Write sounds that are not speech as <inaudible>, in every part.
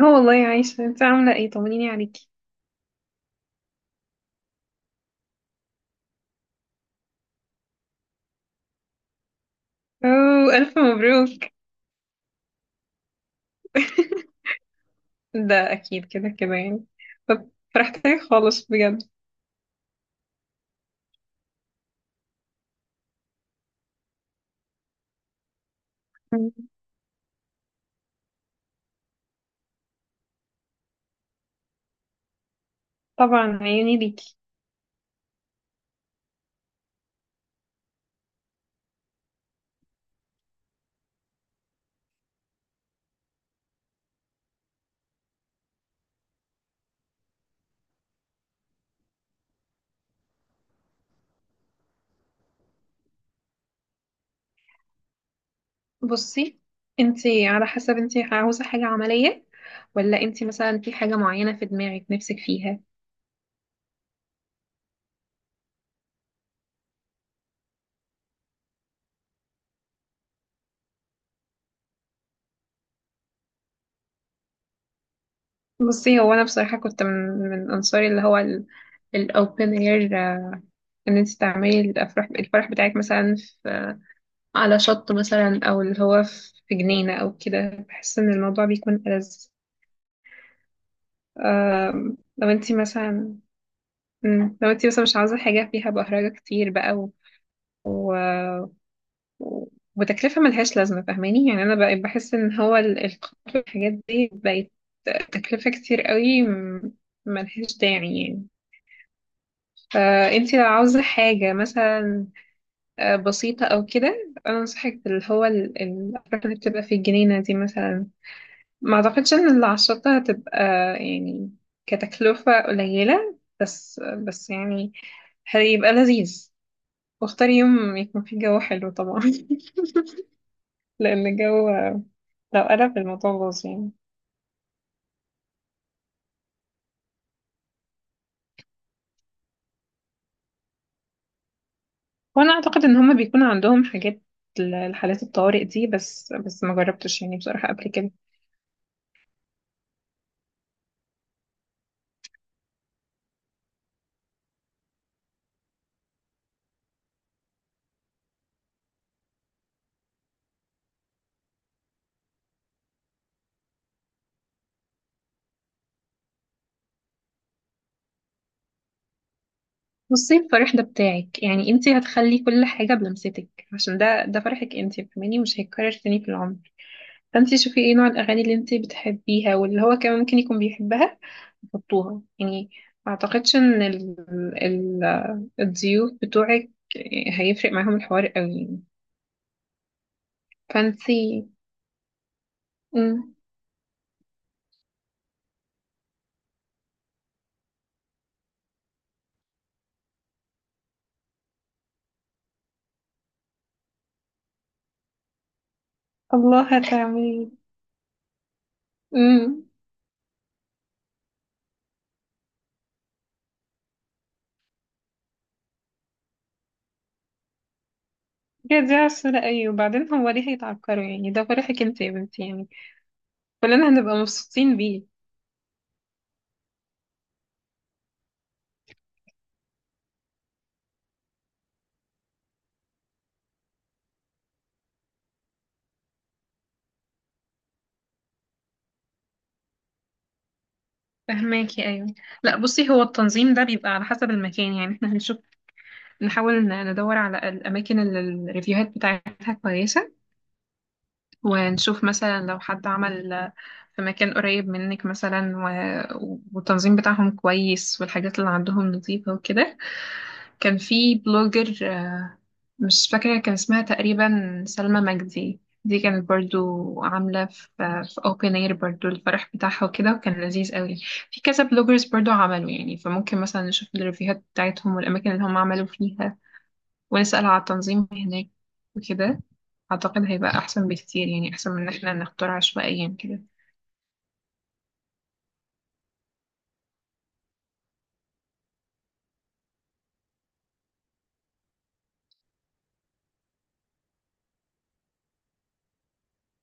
اه والله عايشة، انت عاملة ايه؟ طمنيني عليكي. اوه ألف مبروك. <laughs> ده أكيد كده كده يعني. طب فرحت لك خالص بجد. مم. طبعا عيوني ليكي. بصي انت، على حسب انت عاوزة حاجة عملية، ولا انت مثلا في حاجة معينة في دماغك نفسك فيها. بصي هو أنا بصراحة كنت من من أنصاري اللي هو الأوبن اير، ان انت تعملي الفرح بتاعك مثلا على شط مثلا، او اللي هو في جنينة او كده. بحس ان الموضوع بيكون ألذ. لو انتي مثلا، لو انتي مثلا مش عاوزة حاجة فيها بهرجة كتير بقى، و... و- وتكلفة ملهاش لازمة، فاهماني؟ يعني انا بقى بحس ان هو القطر والحاجات دي بقت تكلفة كتير قوي، ملهاش داعي يعني. فانتي لو عاوزة حاجة مثلا بسيطة او كده، انا انصحك اللي هو الأفراح اللي بتبقى في الجنينة دي مثلا. ما اعتقدش ان العشرة هتبقى يعني كتكلفة قليلة، بس يعني هيبقى لذيذ. واختاري يوم يكون فيه جو حلو طبعا. <laughs> لان الجو، لو قلب الموضوع باظ يعني. وانا اعتقد ان هما بيكون عندهم حاجات لحالات الطوارئ دي، بس ما جربتش يعني بصراحة قبل كده. بصي الفرح ده بتاعك يعني انتي هتخلي كل حاجة بلمستك، عشان ده فرحك انتي، فاهماني؟ مش هيتكرر تاني في العمر. فانتي شوفي ايه نوع الاغاني اللي انتي بتحبيها واللي هو كمان ممكن يكون بيحبها، حطوها يعني. ما اعتقدش ان ال... الضيوف بتوعك هيفرق معاهم الحوار قوي يعني. فانتي، مم. الله هتعملي. امم. يا دي عسولة، أيوة. وبعدين هو ليه هيتعكروا يعني؟ ده فرحك انت يا بنتي يعني، كلنا هنبقى مبسوطين بيه. فهماكي، أيوة. لا بصي هو التنظيم ده بيبقى على حسب المكان. يعني احنا هنشوف، نحاول ندور على الأماكن اللي الريفيوهات بتاعتها كويسة، ونشوف مثلا لو حد عمل في مكان قريب منك مثلا، والتنظيم بتاعهم كويس، والحاجات اللي عندهم نظيفة وكده. كان في بلوجر مش فاكرة كان اسمها، تقريبا سلمى مجدي، دي كانت برضو عاملة في في اوبن اير برضو الفرح بتاعها وكده، وكان لذيذ قوي. في كذا بلوجرز برضو عملوا يعني، فممكن مثلا نشوف الريفيوهات بتاعتهم والأماكن اللي هم عملوا فيها، ونسأل على التنظيم هناك وكده. أعتقد هيبقى أحسن بكتير يعني، أحسن من إن احنا نختار عشوائيا كده.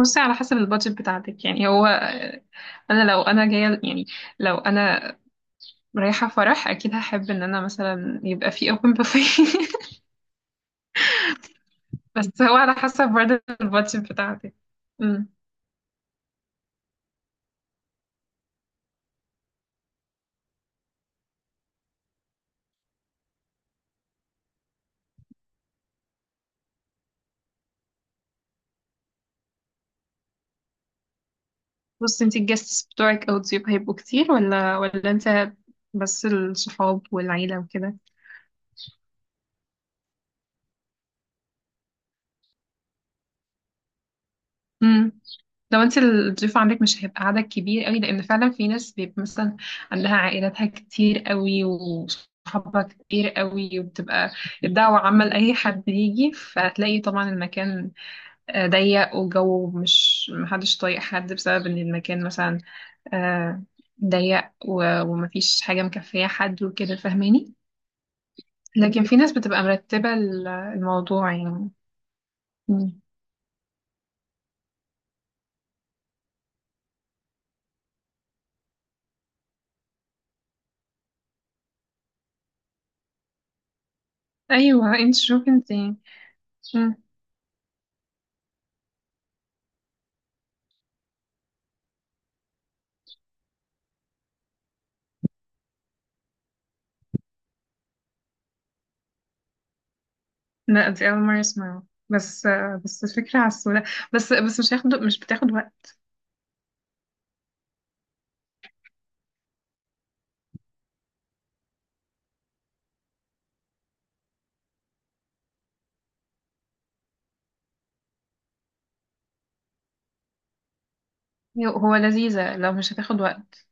بصي على حسب البادجت بتاعتك يعني. هو أنا لو أنا جاية يعني، لو أنا رايحة فرح، أكيد هحب إن أنا مثلا يبقى في أوبن بوفيه. <laughs> بس هو على حسب برضه البادجت بتاعتك. أمم. بصي انتي الجاستس بتوعك أو الضيوف هيبقوا كتير، ولا انت بس الصحاب والعيلة وكده؟ لو انت الضيف عندك مش هيبقى عدد كبير قوي، لان فعلا في ناس بيبقى مثلا عندها عائلاتها كتير قوي وصحابها كتير قوي، وبتبقى الدعوة عامة لأي حد يجي، فهتلاقي طبعا المكان ضيق، والجو مش، محدش طايق حد بسبب ان المكان مثلا آه، ضيق ومفيش حاجة مكفية حد وكده، فاهماني؟ لكن في ناس بتبقى مرتبة الموضوع يعني. مم. ايوه انت شوفي انت. مم. لا دي أول مرة أسمعه. بس، بس الفكرة على السوداء، بس مش هياخد، مش بتاخد وقت. هو لذيذة لو مش هتاخد وقت،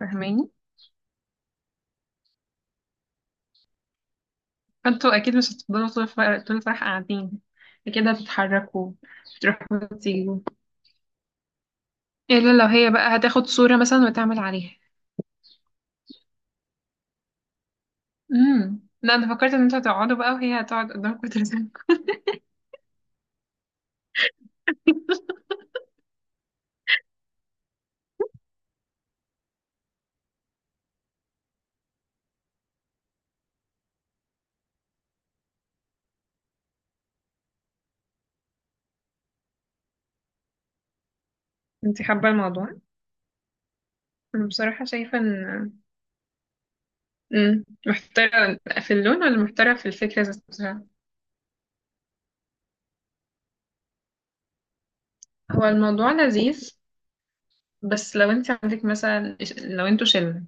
فاهماني؟ فانتوا أكيد مش هتفضلوا طول الفرح، طول الفرح قاعدين كده، هتتحركوا، تروحوا وتيجوا. إلا لو هي بقى هتاخد صورة مثلا وتعمل عليها. امم، لا أنا فكرت إن انتوا هتقعدوا بقى وهي هتقعد قدامكم وترسمكم. انتي حابة الموضوع؟ أنا بصراحة شايفة إن، مم، محتارة في اللون ولا محتارة في الفكرة ذات نفسها؟ هو الموضوع لذيذ، بس لو انت عندك مثلا، لو انتوا شلة،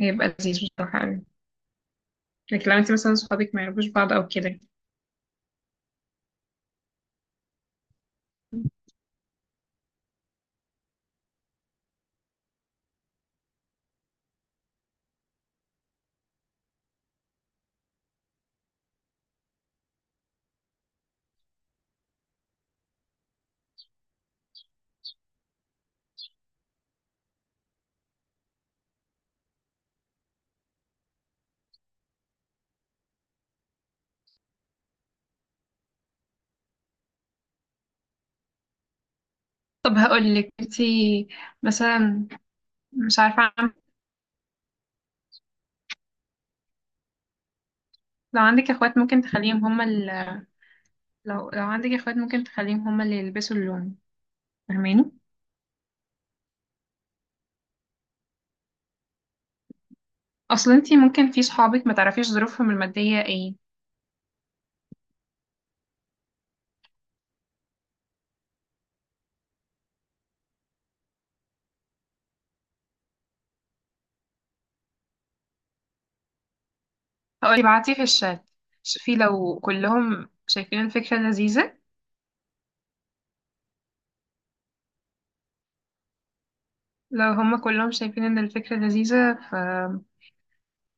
هيبقى لذيذ بصراحة أوي. لكن لو انت مثلا صحابك ما يعرفوش بعض او كده. طب هقول لك انت مثلا، مش عارفة، لو عندك اخوات ممكن تخليهم هما لو لو عندك اخوات ممكن تخليهم هما اللي يلبسوا اللون، فاهماني؟ اصلا انت ممكن في صحابك ما تعرفيش ظروفهم المادية ايه. هقول ابعتي في الشات، شوفي لو كلهم شايفين الفكرة لذيذة. لو هما كلهم شايفين ان الفكرة لذيذة ف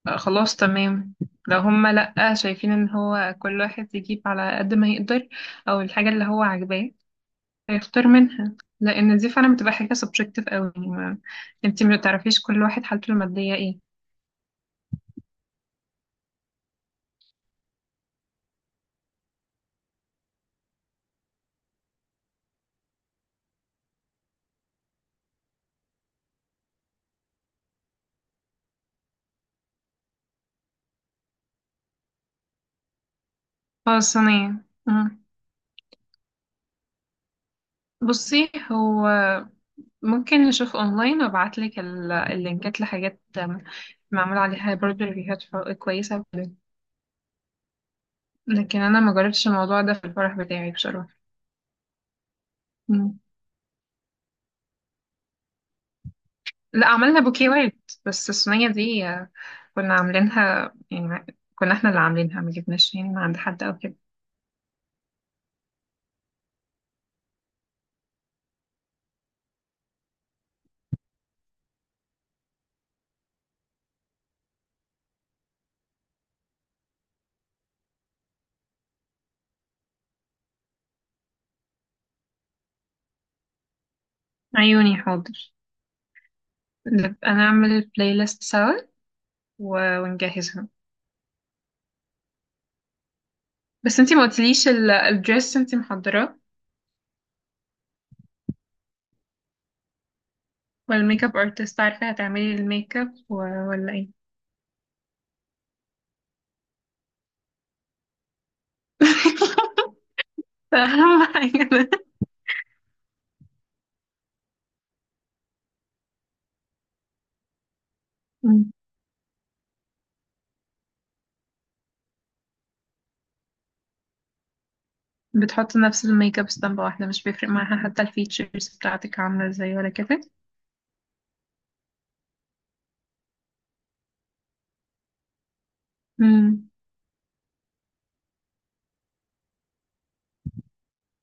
خلاص تمام. لو هما لأ شايفين، ان هو كل واحد يجيب على قد ما يقدر، او الحاجة اللي هو عاجباه هيختار منها، لان دي فعلا بتبقى حاجة سبجكتيف قوي يعني. ما انتي ما تعرفيش كل واحد حالته المادية ايه. خلاص انا، مم. بصي هو ممكن نشوف اونلاين، وابعتلك اللينكات لحاجات معمول عليها برضه ريفيوهات كويسة وكده. لكن انا ما جربتش الموضوع ده في الفرح بتاعي بصراحة. مم. لا عملنا بوكيوات. بس الصينية دي كنا عاملينها يعني كنا احنا اللي عاملينها، ما جبناش يعني من عند حد او كده. عيوني حاضر، نبقى نعمل بلاي ليست سوا ونجهزها. بس انتي ما قلتليش الدريس انتي محضراه؟ والميك اب ارتست، عارفة هتعملي الميك اب ولا ايه؟ <laughs> اهم حاجة ده. مم. بتحطي نفس الميك اب، اسطمبة واحدة مش بيفرق معاها حتى الفيتشرز بتاعتك عاملة ازاي ولا كده. مم.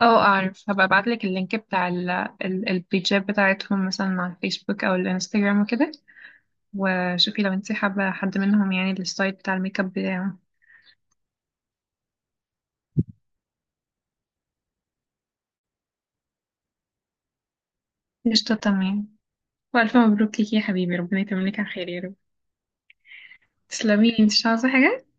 اه اعرف، هبقى ابعتلك اللينك بتاع البيجات بتاعتهم مثلا على الفيسبوك او الانستجرام وكده، وشوفي لو انتي حابة حد منهم، يعني الستايل بتاع الميك اب بتاعه. قشطة تمام. والف مبروك ليكي يا حبيبي، ربنا يتمم لك على خير يا رب. تسلمي انتي، مش عاوزة حاجة؟